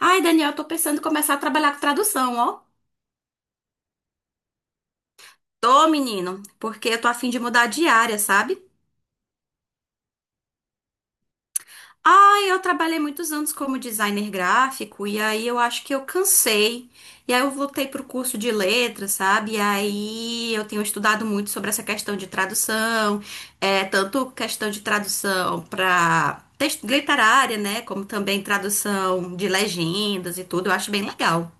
Ai, Daniel, eu tô pensando em começar a trabalhar com tradução, ó. Tô, menino, porque eu tô a fim de mudar de área, sabe? Ai, eu trabalhei muitos anos como designer gráfico e aí eu acho que eu cansei. E aí eu voltei pro curso de letras, sabe? E aí eu tenho estudado muito sobre essa questão de tradução, tanto questão de tradução pra texto literária, né? Como também tradução de legendas e tudo. Eu acho bem legal.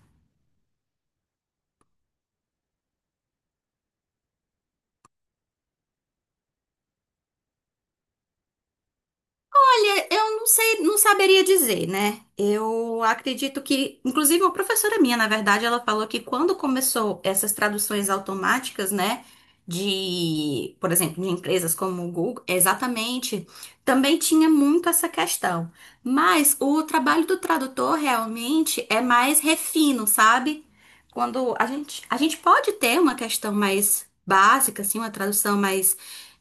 Olha, eu não sei, não saberia dizer, né? Eu acredito que, inclusive, a professora minha, na verdade, ela falou que quando começou essas traduções automáticas, né, por exemplo, de empresas como o Google, exatamente, também tinha muito essa questão. Mas o trabalho do tradutor realmente é mais refino, sabe? Quando a gente pode ter uma questão mais básica, assim, uma tradução mais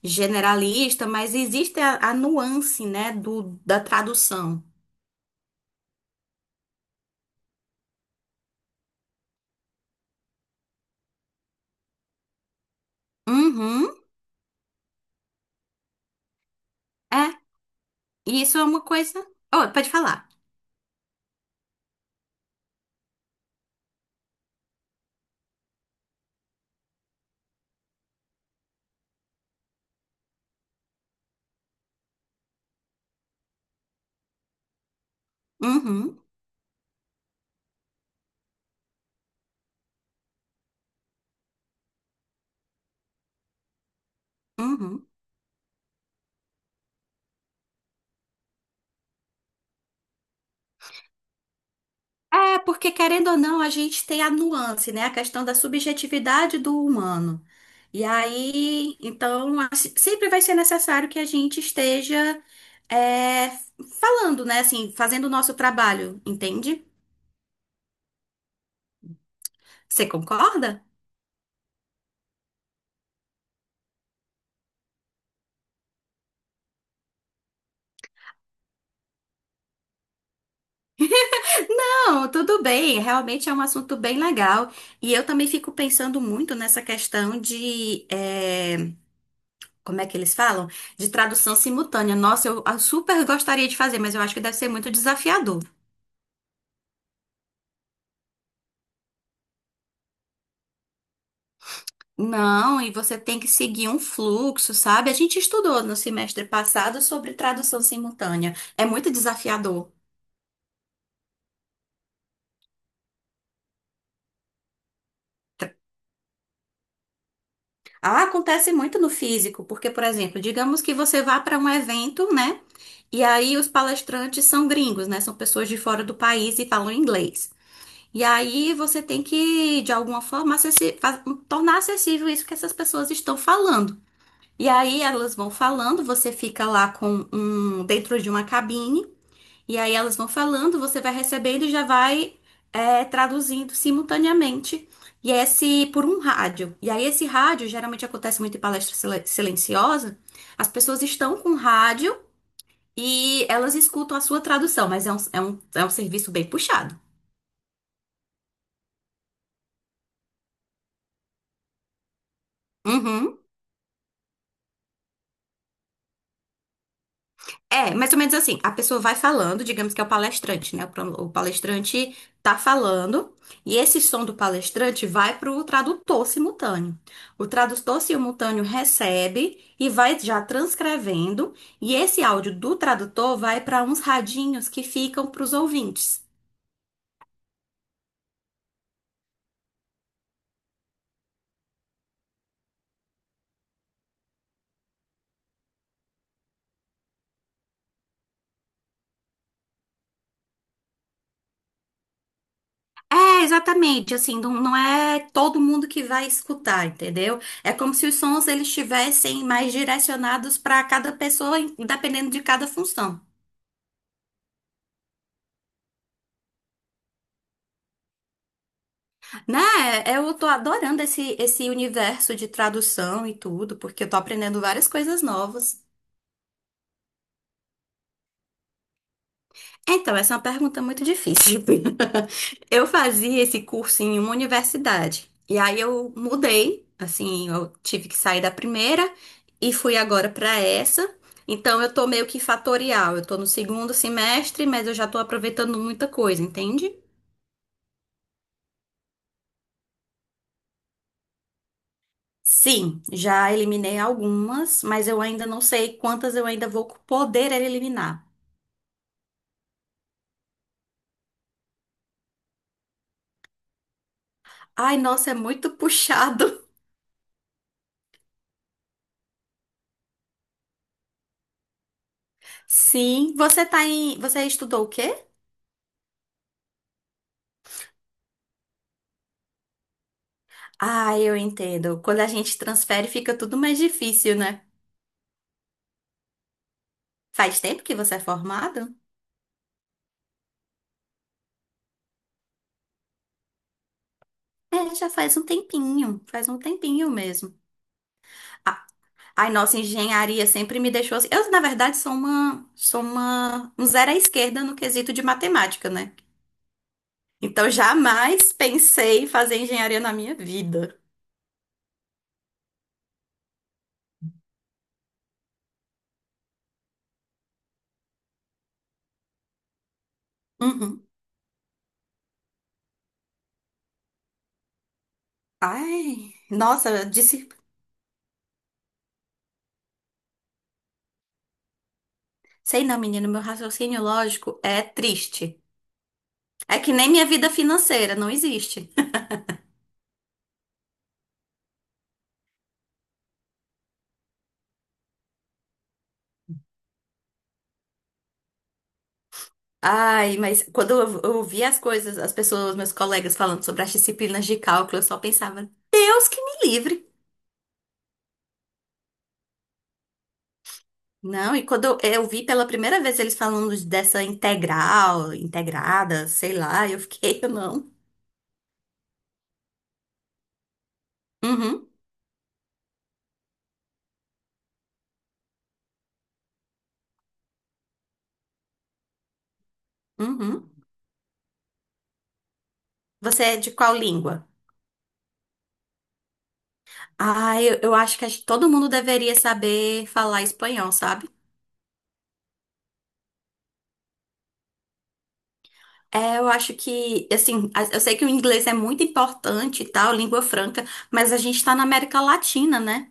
generalista, mas existe a nuance, né, do, da tradução. Uhum, é. E isso é uma coisa. Oh, pode falar. Uhum, uhum. É, porque querendo ou não, a gente tem a nuance, né? A questão da subjetividade do humano. E aí, então, sempre vai ser necessário que a gente esteja é, falando, né? Assim, fazendo o nosso trabalho, entende? Você concorda? Não, tudo bem, realmente é um assunto bem legal. E eu também fico pensando muito nessa questão de, como é que eles falam? De tradução simultânea. Nossa, eu super gostaria de fazer, mas eu acho que deve ser muito desafiador. Não, e você tem que seguir um fluxo, sabe? A gente estudou no semestre passado sobre tradução simultânea. É muito desafiador. Ah, acontece muito no físico, porque, por exemplo, digamos que você vá para um evento, né? E aí os palestrantes são gringos, né? São pessoas de fora do país e falam inglês. E aí você tem que, de alguma forma, tornar acessível isso que essas pessoas estão falando. E aí elas vão falando, você fica lá com um dentro de uma cabine, e aí elas vão falando, você vai recebendo e já vai traduzindo simultaneamente. E é esse por um rádio. E aí esse rádio geralmente acontece muito em palestra silenciosa. As pessoas estão com rádio. E elas escutam a sua tradução, mas é um serviço bem puxado. Uhum. É, mais ou menos assim, a pessoa vai falando, digamos que é o palestrante, né? O palestrante tá falando, e esse som do palestrante vai pro tradutor simultâneo. O tradutor simultâneo recebe e vai já transcrevendo, e esse áudio do tradutor vai para uns radinhos que ficam pros ouvintes. É, exatamente, assim, não é todo mundo que vai escutar, entendeu? É como se os sons eles estivessem mais direcionados para cada pessoa, dependendo de cada função. Né? Eu tô adorando esse universo de tradução e tudo, porque eu tô aprendendo várias coisas novas. Então, essa é uma pergunta muito difícil. Eu fazia esse curso em uma universidade. E aí eu mudei, assim, eu tive que sair da primeira e fui agora para essa. Então, eu tô meio que fatorial. Eu tô no segundo semestre, mas eu já tô aproveitando muita coisa, entende? Sim, já eliminei algumas, mas eu ainda não sei quantas eu ainda vou poder eliminar. Ai, nossa, é muito puxado. Sim, você estudou o quê? Ah, eu entendo. Quando a gente transfere, fica tudo mais difícil, né? Faz tempo que você é formado? É, já faz um tempinho mesmo. Ah, ai, nossa, engenharia sempre me deixou assim. Eu, na verdade, um zero à esquerda no quesito de matemática, né? Então, jamais pensei em fazer engenharia na minha vida. Uhum. Ai, nossa, eu disse, sei não, menino, meu raciocínio lógico é triste. É que nem minha vida financeira, não existe. Ai, mas quando eu ouvia as coisas, as pessoas, meus colegas falando sobre as disciplinas de cálculo, eu só pensava, Deus que me livre. Não, e quando eu vi pela primeira vez eles falando dessa integral, integrada, sei lá, eu fiquei, eu não. Uhum, uhum. Você é de qual língua? Ah, eu acho que todo mundo deveria saber falar espanhol, sabe? É, eu acho que, assim, eu sei que o inglês é muito importante e tal, língua franca, mas a gente tá na América Latina, né?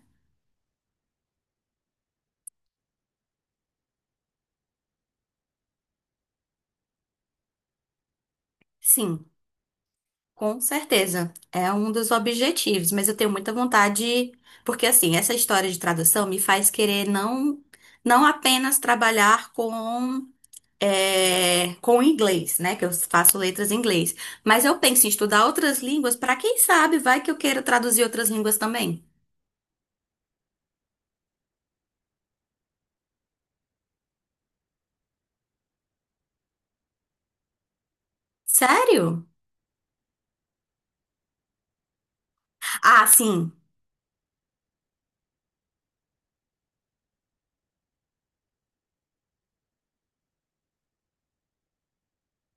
Sim. Com certeza, é um dos objetivos, mas eu tenho muita vontade, porque assim, essa história de tradução me faz querer não apenas trabalhar com inglês, né? Que eu faço letras em inglês, mas eu penso em estudar outras línguas para quem sabe, vai que eu queira traduzir outras línguas também. Sério? Ah, sim.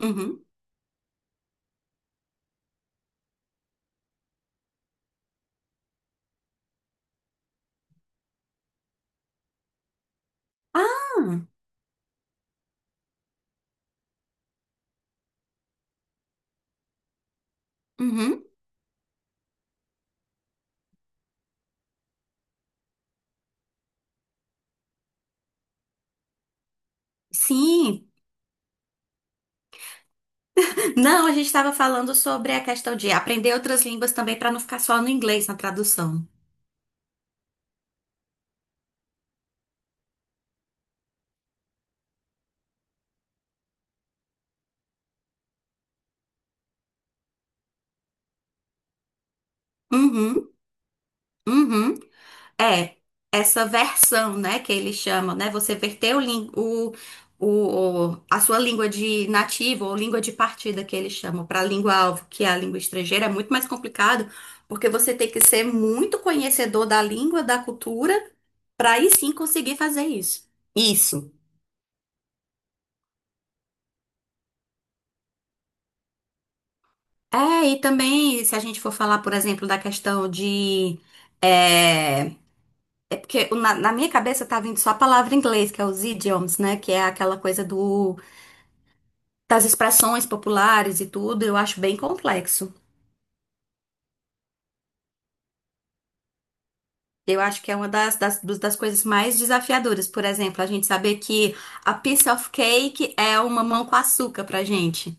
Uhum. Ah, uhum. Sim. Não, a gente estava falando sobre a questão de aprender outras línguas também para não ficar só no inglês na tradução. Uhum. Uhum. É, essa versão, né, que eles chamam, né? Você verter o, lin- o- a sua língua de nativo ou língua de partida que eles chamam para a língua-alvo, que é a língua estrangeira, é muito mais complicado, porque você tem que ser muito conhecedor da língua, da cultura, para aí sim conseguir fazer isso. Isso. É, e também, se a gente for falar, por exemplo, da questão de. É, é porque na minha cabeça tá vindo só a palavra em inglês, que é os idioms, né? Que é aquela coisa do das expressões populares e tudo, eu acho bem complexo. Eu acho que é uma das coisas mais desafiadoras. Por exemplo, a gente saber que a piece of cake é uma mão com açúcar pra gente.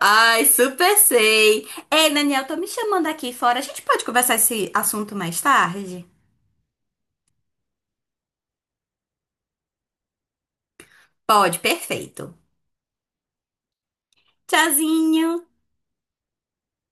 Ai, super sei. Ei, Daniel, tô me chamando aqui fora. A gente pode conversar esse assunto mais tarde? Pode, perfeito. Tchauzinho.